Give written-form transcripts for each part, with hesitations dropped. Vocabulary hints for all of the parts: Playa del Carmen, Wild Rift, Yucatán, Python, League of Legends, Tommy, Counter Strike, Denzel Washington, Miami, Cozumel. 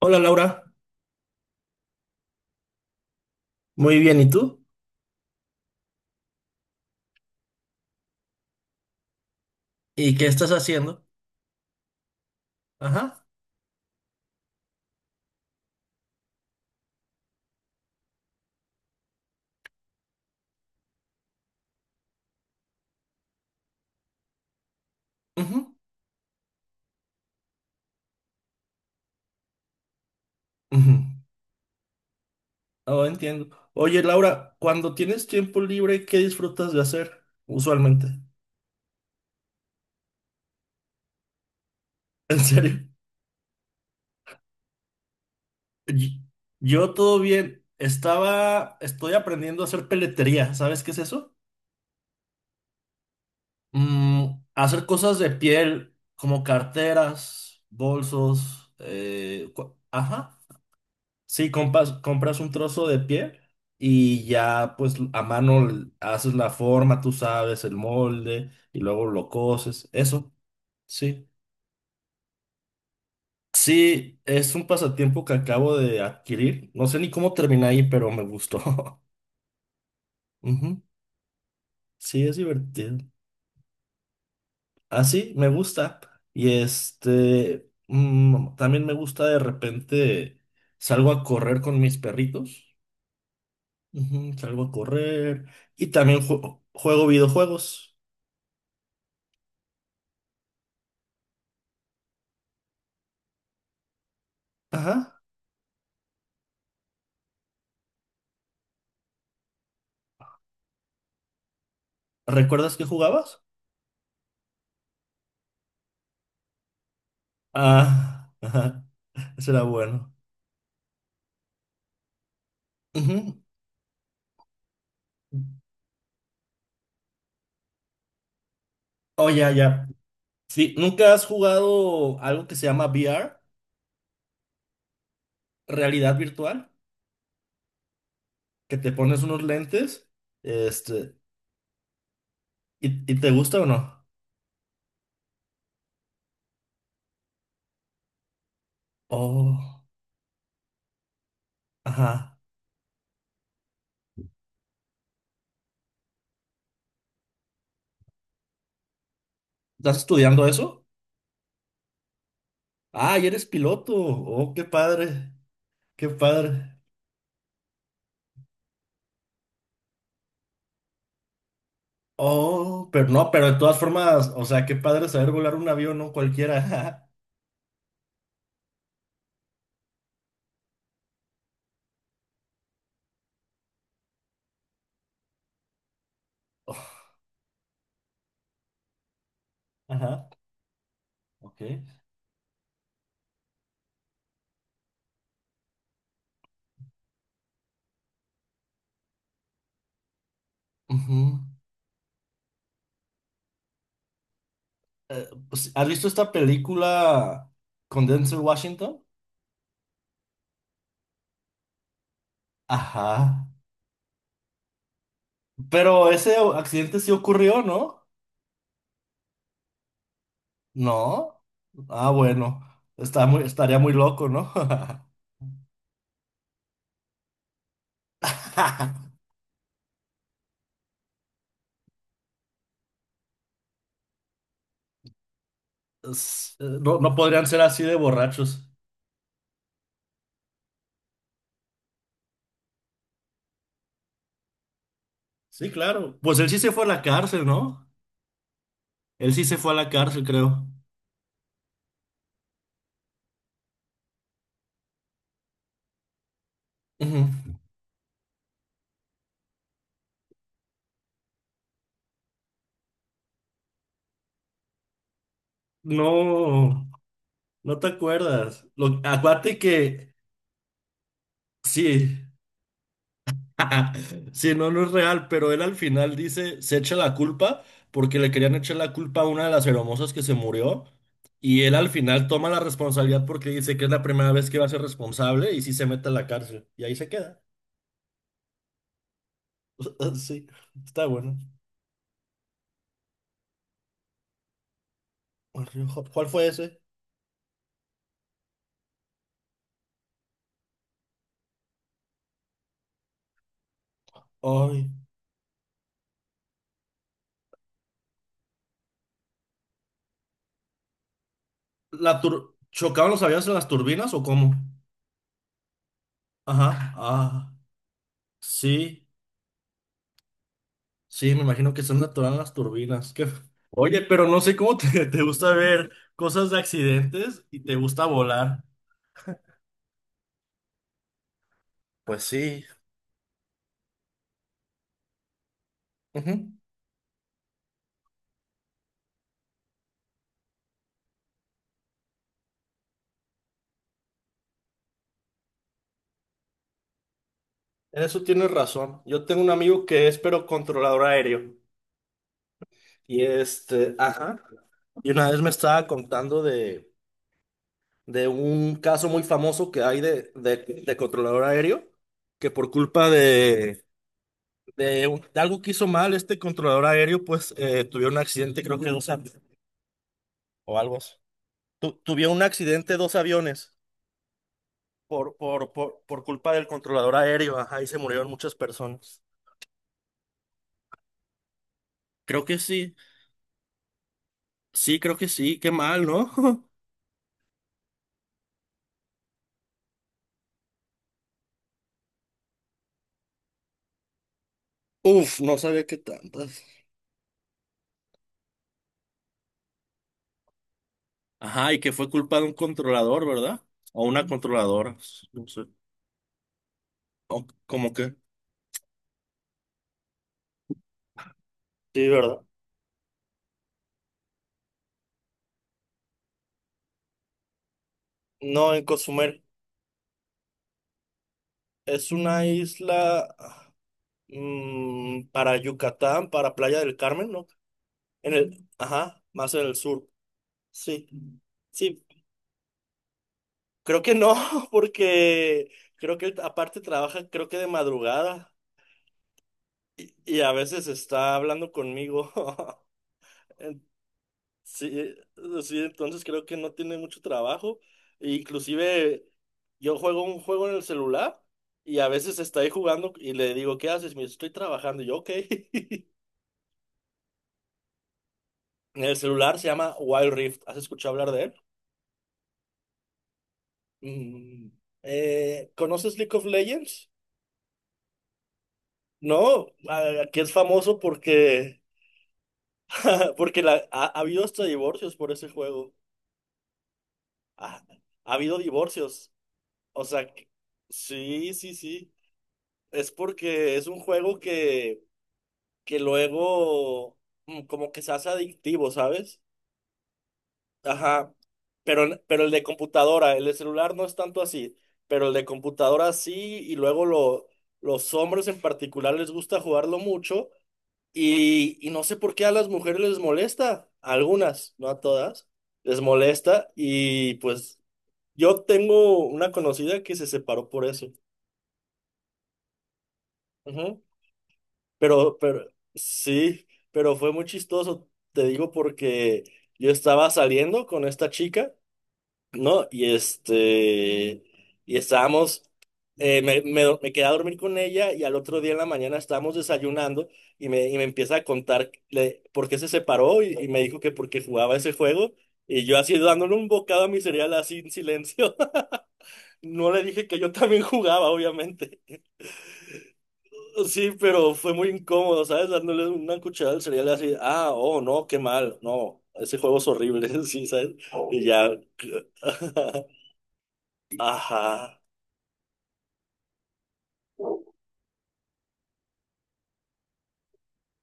Hola Laura, muy bien, ¿y tú? ¿Y qué estás haciendo? Ajá. Ujú, ujú. Oh, entiendo. Oye Laura, cuando tienes tiempo libre, ¿qué disfrutas de hacer usualmente? ¿En serio? Y- Yo todo bien. Estoy aprendiendo a hacer peletería. ¿Sabes qué es eso? Mm, hacer cosas de piel, como carteras, bolsos, ajá. Sí, compras un trozo de piel y ya pues a mano haces la forma, tú sabes, el molde y luego lo coses. Eso, sí. Sí, es un pasatiempo que acabo de adquirir. No sé ni cómo terminé ahí, pero me gustó. Ujú. Sí, es divertido. Así, me gusta. Y también me gusta de repente salgo a correr con mis perritos. Ujú, salgo a correr. Y también juego videojuegos. Ajá. ¿Recuerdas que jugabas? Ah, ajá. Eso era bueno. Ujú. Oh, ya, ya. Sí, ¿nunca has jugado algo que se llama VR? Realidad virtual. Que te pones unos lentes. Este, ¿y te gusta o no? Oh, ajá. ¿Estás estudiando eso? Ah, y eres piloto. Oh, qué padre. Qué padre. Oh, pero no, pero de todas formas, o sea, qué padre saber volar un avión, ¿no? Cualquiera. Ajá, ok. Ujú. Pues, ¿has visto esta película con Denzel Washington? Ajá. Pero ese accidente sí ocurrió, ¿no? No. Ah, bueno. Estaría muy loco, ¿no? No, no podrían ser así de borrachos. Sí, claro. Pues él sí se fue a la cárcel, ¿no? Él sí se fue a la cárcel, creo. Ujú. No, no te acuerdas. Acuérdate que sí, sí, no, no es real, pero él al final dice, se echa la culpa porque le querían echar la culpa a una de las hermosas que se murió y él al final toma la responsabilidad porque dice que es la primera vez que va a ser responsable y sí se mete a la cárcel y ahí se queda. Sí, está bueno. ¿Cuál fue ese? Ay, ¿chocaban los aviones en las turbinas o cómo? Ajá, ah, sí. Sí, me imagino que son naturales las turbinas. Qué. Oye, pero no sé cómo te, te gusta ver cosas de accidentes y te gusta volar. Pues sí. Ujú. En eso tienes razón. Yo tengo un amigo que es pero controlador aéreo. Y este, ajá. Y una vez me estaba contando de un caso muy famoso que hay de controlador aéreo, que por culpa de algo que hizo mal este controlador aéreo, pues tuvieron un accidente, creo que dos años o algo así. Tuvieron un accidente dos aviones por culpa del controlador aéreo. Ajá, y se murieron muchas personas. Creo que sí, sí, creo que sí, qué mal, ¿no? Uf, no sabía que tantas. Ajá, ¿y que fue culpa de un controlador, ¿verdad? O una controladora, no sé. ¿O- como que? Sí, ¿verdad? No, en Cozumel. Es una isla ah, mm, para Yucatán, para Playa del Carmen, ¿no? En el, ajá, más en el sur. Sí. Sí, creo que no, porque creo que él aparte trabaja, creo que de madrugada y a veces está hablando conmigo. En- Sí, sí, entonces creo que no tiene mucho trabajo. E inclusive yo juego un juego en el celular y a veces está ahí jugando y le digo, ¿qué haces? Me dice, estoy trabajando. Y yo, ok. El celular se llama Wild Rift. ¿Has escuchado hablar de él? Mm. ¿Conoces League of Legends? No, ah, que es famoso porque porque la, ha habido hasta divorcios por ese juego. Ha, ha habido divorcios. O sea, que- sí, sí, sí. Es porque es un juego que luego mm, como que se hace adictivo, ¿sabes? Ajá. Pero, pero el de computadora, el de celular no es tanto así. Pero el de computadora sí, y luego lo, los hombres en particular les gusta jugarlo mucho. Y no sé por qué a las mujeres les molesta, a algunas, no a todas, les molesta y pues yo tengo una conocida que se separó por eso. Ujú. Pero, sí, pero fue muy chistoso, te digo, porque yo estaba saliendo con esta chica. ¿No? Y este, y estábamos, me quedé a dormir con ella y al otro día en la mañana estábamos desayunando y y me empieza a contar por qué se separó y me dijo que porque jugaba ese juego y yo así dándole un bocado a mi cereal así en silencio. No le dije que yo también jugaba, obviamente. Sí, pero fue muy incómodo, ¿sabes? Dándole una cucharada al cereal así, ah, oh, no, qué mal, no, ese juego es horrible, sí, ¿sabes? Y ya, ajá.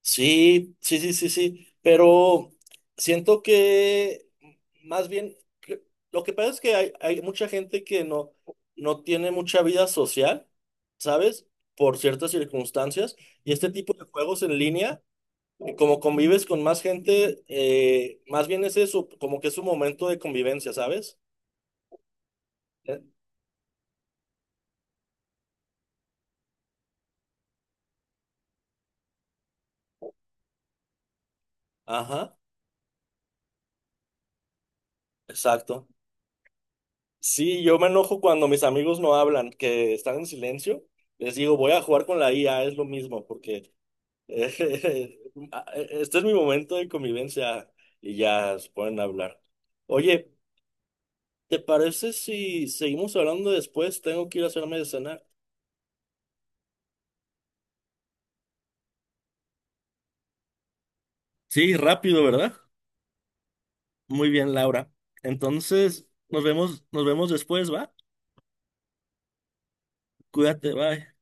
Sí, sí, sí, sí, sí, pero siento que más bien que- lo que pasa es que hay mucha gente que no, no tiene mucha vida social, ¿sabes? Por ciertas circunstancias, y este tipo de juegos en línea, como convives con más gente, más bien es eso, como que es un momento de convivencia, ¿sabes? Eh, Ajá, exacto. Sí, yo me enojo cuando mis amigos no hablan, que están en silencio, les digo, voy a jugar con la IA, es lo mismo, porque... Este es mi momento de convivencia y ya se pueden hablar. Oye, ¿te parece si seguimos hablando después? Tengo que ir a hacerme de cenar. Sí, rápido, ¿verdad? Muy bien, Laura. Entonces, nos vemos después, ¿va? Cuídate, bye.